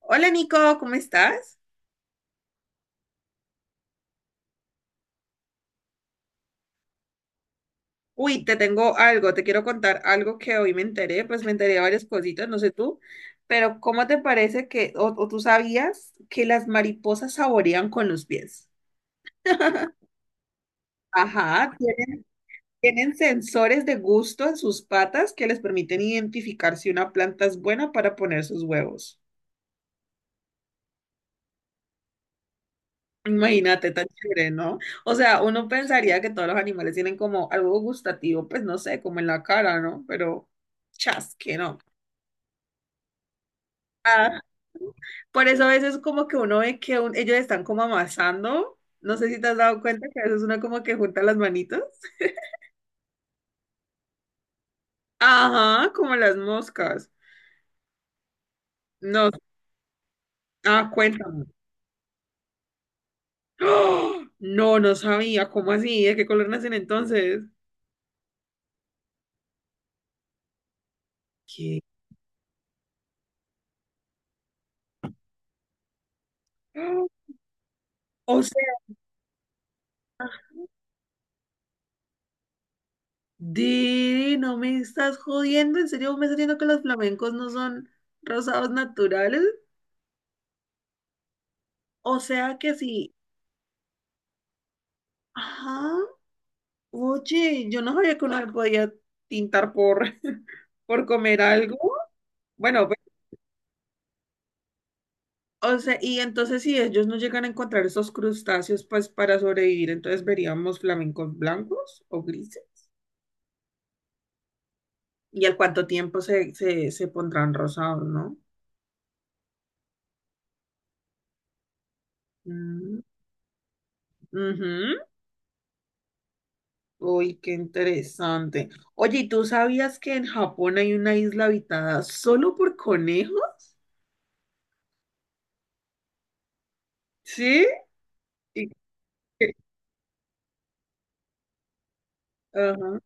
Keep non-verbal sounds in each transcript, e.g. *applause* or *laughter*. Hola Nico, ¿cómo estás? Uy, te tengo algo, te quiero contar algo que hoy me enteré, pues me enteré de varias cositas, no sé tú, pero ¿cómo te parece que, o tú sabías que las mariposas saborean con los pies? *laughs* Ajá, tienen sensores de gusto en sus patas que les permiten identificar si una planta es buena para poner sus huevos. Imagínate, tan chévere, ¿no? O sea, uno pensaría que todos los animales tienen como algo gustativo, pues no sé, como en la cara, ¿no? Pero chas, que no. Ah, Por eso a veces como que uno ve que ellos están como amasando. No sé si te has dado cuenta que a veces uno como que junta las manitas. Ajá, como las moscas. No, ah, cuéntame. ¡Oh! No, no sabía. ¿Cómo así? ¿De qué color nacen entonces? ¿Qué? ¡Oh! O sea, Didi, no me estás jodiendo. ¿En serio me estás diciendo que los flamencos no son rosados naturales? O sea que sí. Ajá. Oye, yo no sabía que uno podía tintar por, *laughs* por comer algo. Bueno, pues, o sea, y entonces si ellos no llegan a encontrar esos crustáceos, pues para sobrevivir, entonces veríamos flamencos blancos o grises. Y al cuánto tiempo se pondrán rosados, ¿no? Mm, ujú. Uy, qué interesante. Oye, ¿y tú sabías que en Japón hay una isla habitada solo por conejos? ¿Sí? ¿Y qué? Ajá.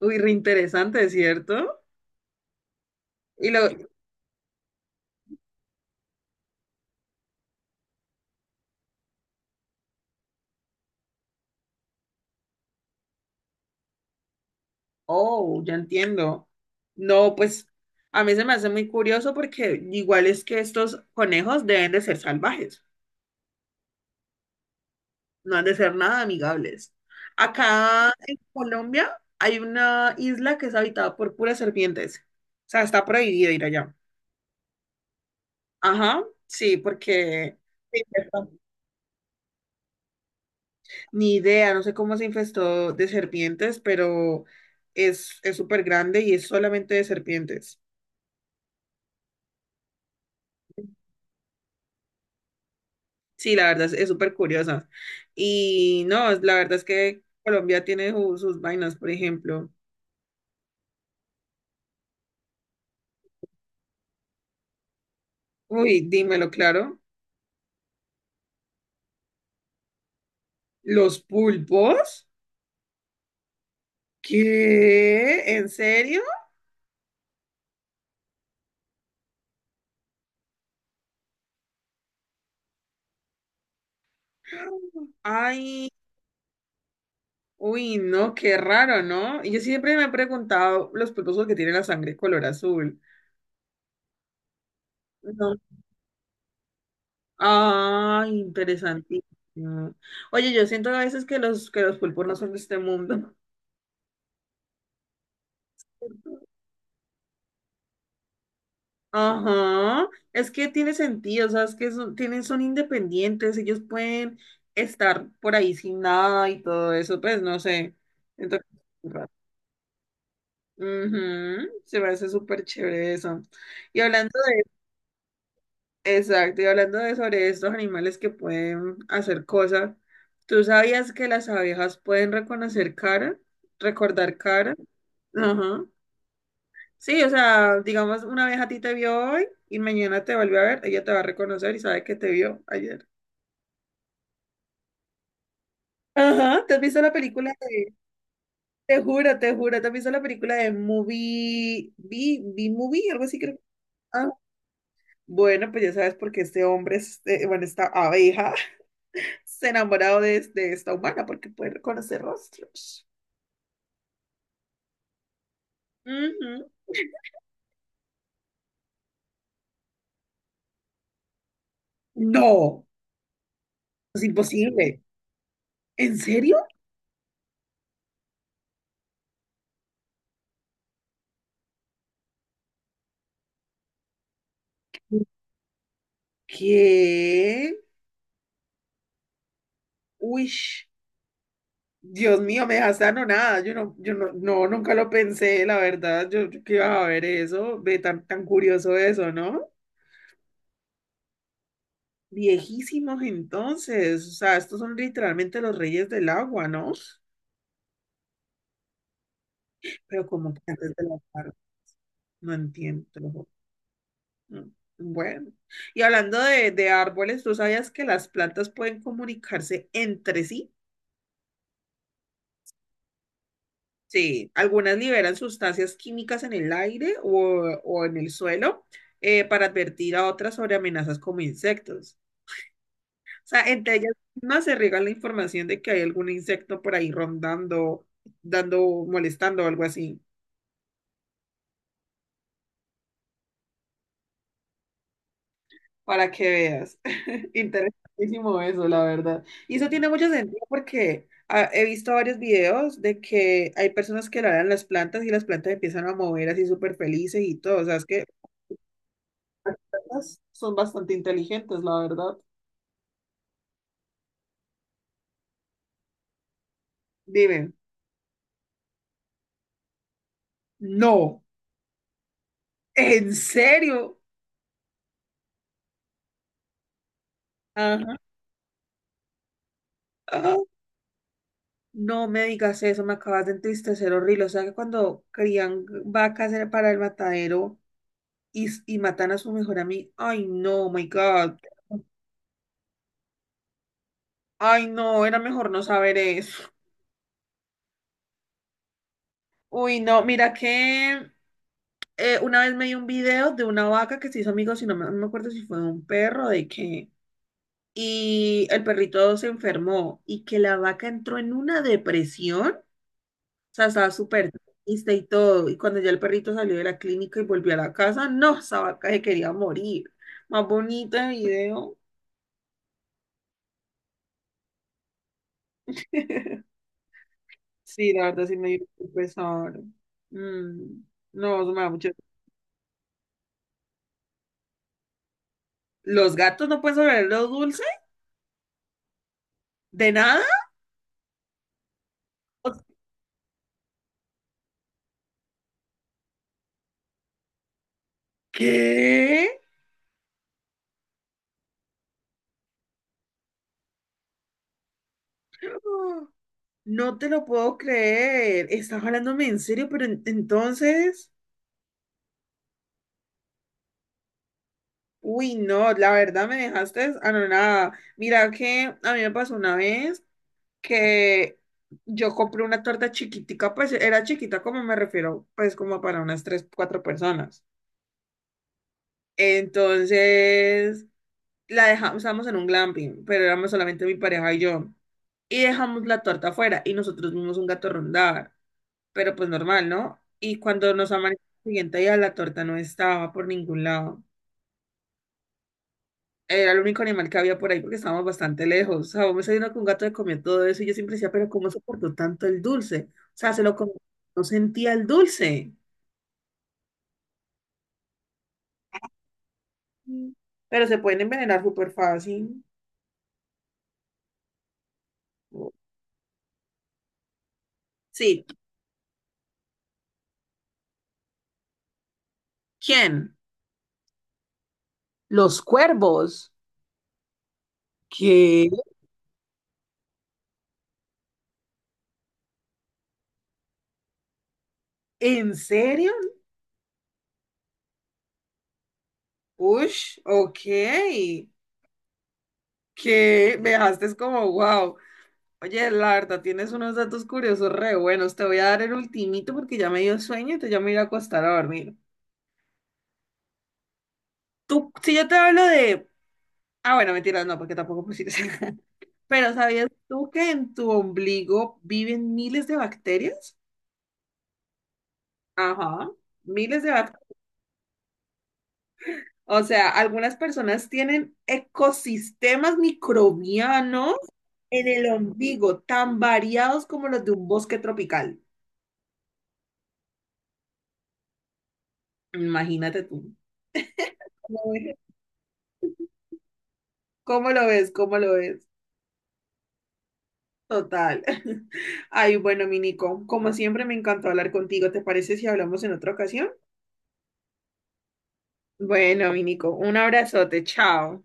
Uy, re interesante, ¿cierto? Y lo, oh, ya entiendo. No, pues a mí se me hace muy curioso porque igual es que estos conejos deben de ser salvajes, no han de ser nada amigables. Acá en Colombia hay una isla que es habitada por puras serpientes. O sea, está prohibido ir allá. Ajá, sí, porque se infestó. Ni idea, no sé cómo se infestó de serpientes, pero es súper grande y es solamente de serpientes. Sí, la verdad es súper curiosa. Y no, la verdad es que Colombia tiene sus vainas, por ejemplo. Uy, dímelo claro. ¿Los pulpos? ¿Qué? ¿En serio? Ay, uy, no, qué raro, ¿no? Y yo siempre me he preguntado los pulpos porque tienen la sangre color azul. No. Ay, interesantísimo. Oye, yo siento a veces que que los pulpos no son de este mundo. Ajá, es que tiene sentido, o sea, es que son, tienen, son independientes, ellos pueden estar por ahí sin nada y todo eso, pues no sé. Entonces, ujú, se me hace súper chévere eso. Y hablando exacto, y hablando de sobre estos animales que pueden hacer cosas, ¿tú sabías que las abejas pueden reconocer cara? ¿Recordar cara? Ajá. Sí, o sea, digamos, una vez a ti te vio hoy y mañana te volvió a ver, ella te va a reconocer y sabe que te vio ayer. Ajá, te juro, te has visto la película de Movie, B Movie, algo así creo. Ah, bueno, pues ya sabes por qué esta abeja, *laughs* se ha enamorado de esta humana porque puede reconocer rostros. Ujú. No, es imposible. ¿En serio? ¿Qué? Uy. Dios mío, me dejaste anonada. Yo no, yo no, no, nunca lo pensé, la verdad. Yo que iba a ver eso, ve tan curioso eso, ¿no? Viejísimos entonces. O sea, estos son literalmente los reyes del agua, ¿no? Pero como que antes de la tarde, no entiendo. Te lo juro. No. Bueno, y hablando de árboles, ¿tú sabías que las plantas pueden comunicarse entre sí? Sí, algunas liberan sustancias químicas en el aire o en el suelo para advertir a otras sobre amenazas como insectos. O sea, entre ellas mismas se riega la información de que hay algún insecto por ahí rondando, dando, molestando o algo así, para que veas. *laughs* Interesantísimo eso, la verdad. Y eso tiene mucho sentido porque he visto varios videos de que hay personas que le dan las plantas y las plantas empiezan a mover así súper felices y todo. O sea, es que son bastante inteligentes, la verdad. Dime, no, ¿en serio? Ajá. Ah, no me digas eso, me acabas de entristecer horrible. O sea que cuando crían vacas era para el matadero y matan a su mejor amigo. Ay, no, my God. Ay, no, era mejor no saber eso. Uy, no, mira que una vez me dio un video de una vaca que se hizo amigos y no me acuerdo si fue de un perro, de que y el perrito se enfermó y que la vaca entró en una depresión, o sea, estaba súper triste y todo, y cuando ya el perrito salió de la clínica y volvió a la casa, no, esa vaca se quería morir. Más bonito el video. *laughs* Sí, la verdad sí me dio mucho pesar. Mm, no, eso me da mucho. ¿Los gatos no pueden saber lo dulce? ¿De nada? ¿Qué? No te lo puedo creer. Estás hablándome en serio, pero entonces... Uy, no, la verdad me dejaste anonada. Mira que a mí me pasó una vez que yo compré una torta chiquitica, pues era chiquita como me refiero, pues como para unas tres, cuatro personas. Entonces la dejamos, estábamos en un glamping, pero éramos solamente mi pareja y yo. Y dejamos la torta afuera y nosotros vimos un gato rondar, pero pues normal, ¿no? Y cuando nos amanecimos el siguiente día la torta no estaba por ningún lado. Era el único animal que había por ahí porque estábamos bastante lejos. O sea, vos me saliendo con un gato que comió todo eso y yo siempre decía, pero ¿cómo soportó tanto el dulce? O sea, se lo comió, no sentía el dulce. Mm. Pero se pueden envenenar súper fácil. Sí. ¿Quién? Los cuervos. ¿Qué? ¿En serio? Ush, ok. Que me dejaste es como, wow. Oye, la verdad, tienes unos datos curiosos re buenos. Te voy a dar el ultimito porque ya me dio sueño, entonces ya me voy a ir a acostar a dormir. Tú, si yo te hablo de... Ah, bueno, mentira, no, porque tampoco pusiste. *laughs* Pero ¿sabías tú que en tu ombligo viven miles de bacterias? Ajá, miles de bacterias. O sea, algunas personas tienen ecosistemas microbianos en el ombligo, tan variados como los de un bosque tropical. Imagínate tú. ¿Cómo ves? ¿Cómo lo ves? ¿Cómo lo ves? Total. *laughs* Ay, bueno, mi Nico, como siempre me encantó hablar contigo. ¿Te parece si hablamos en otra ocasión? Bueno, mi Nico, un abrazote, chao.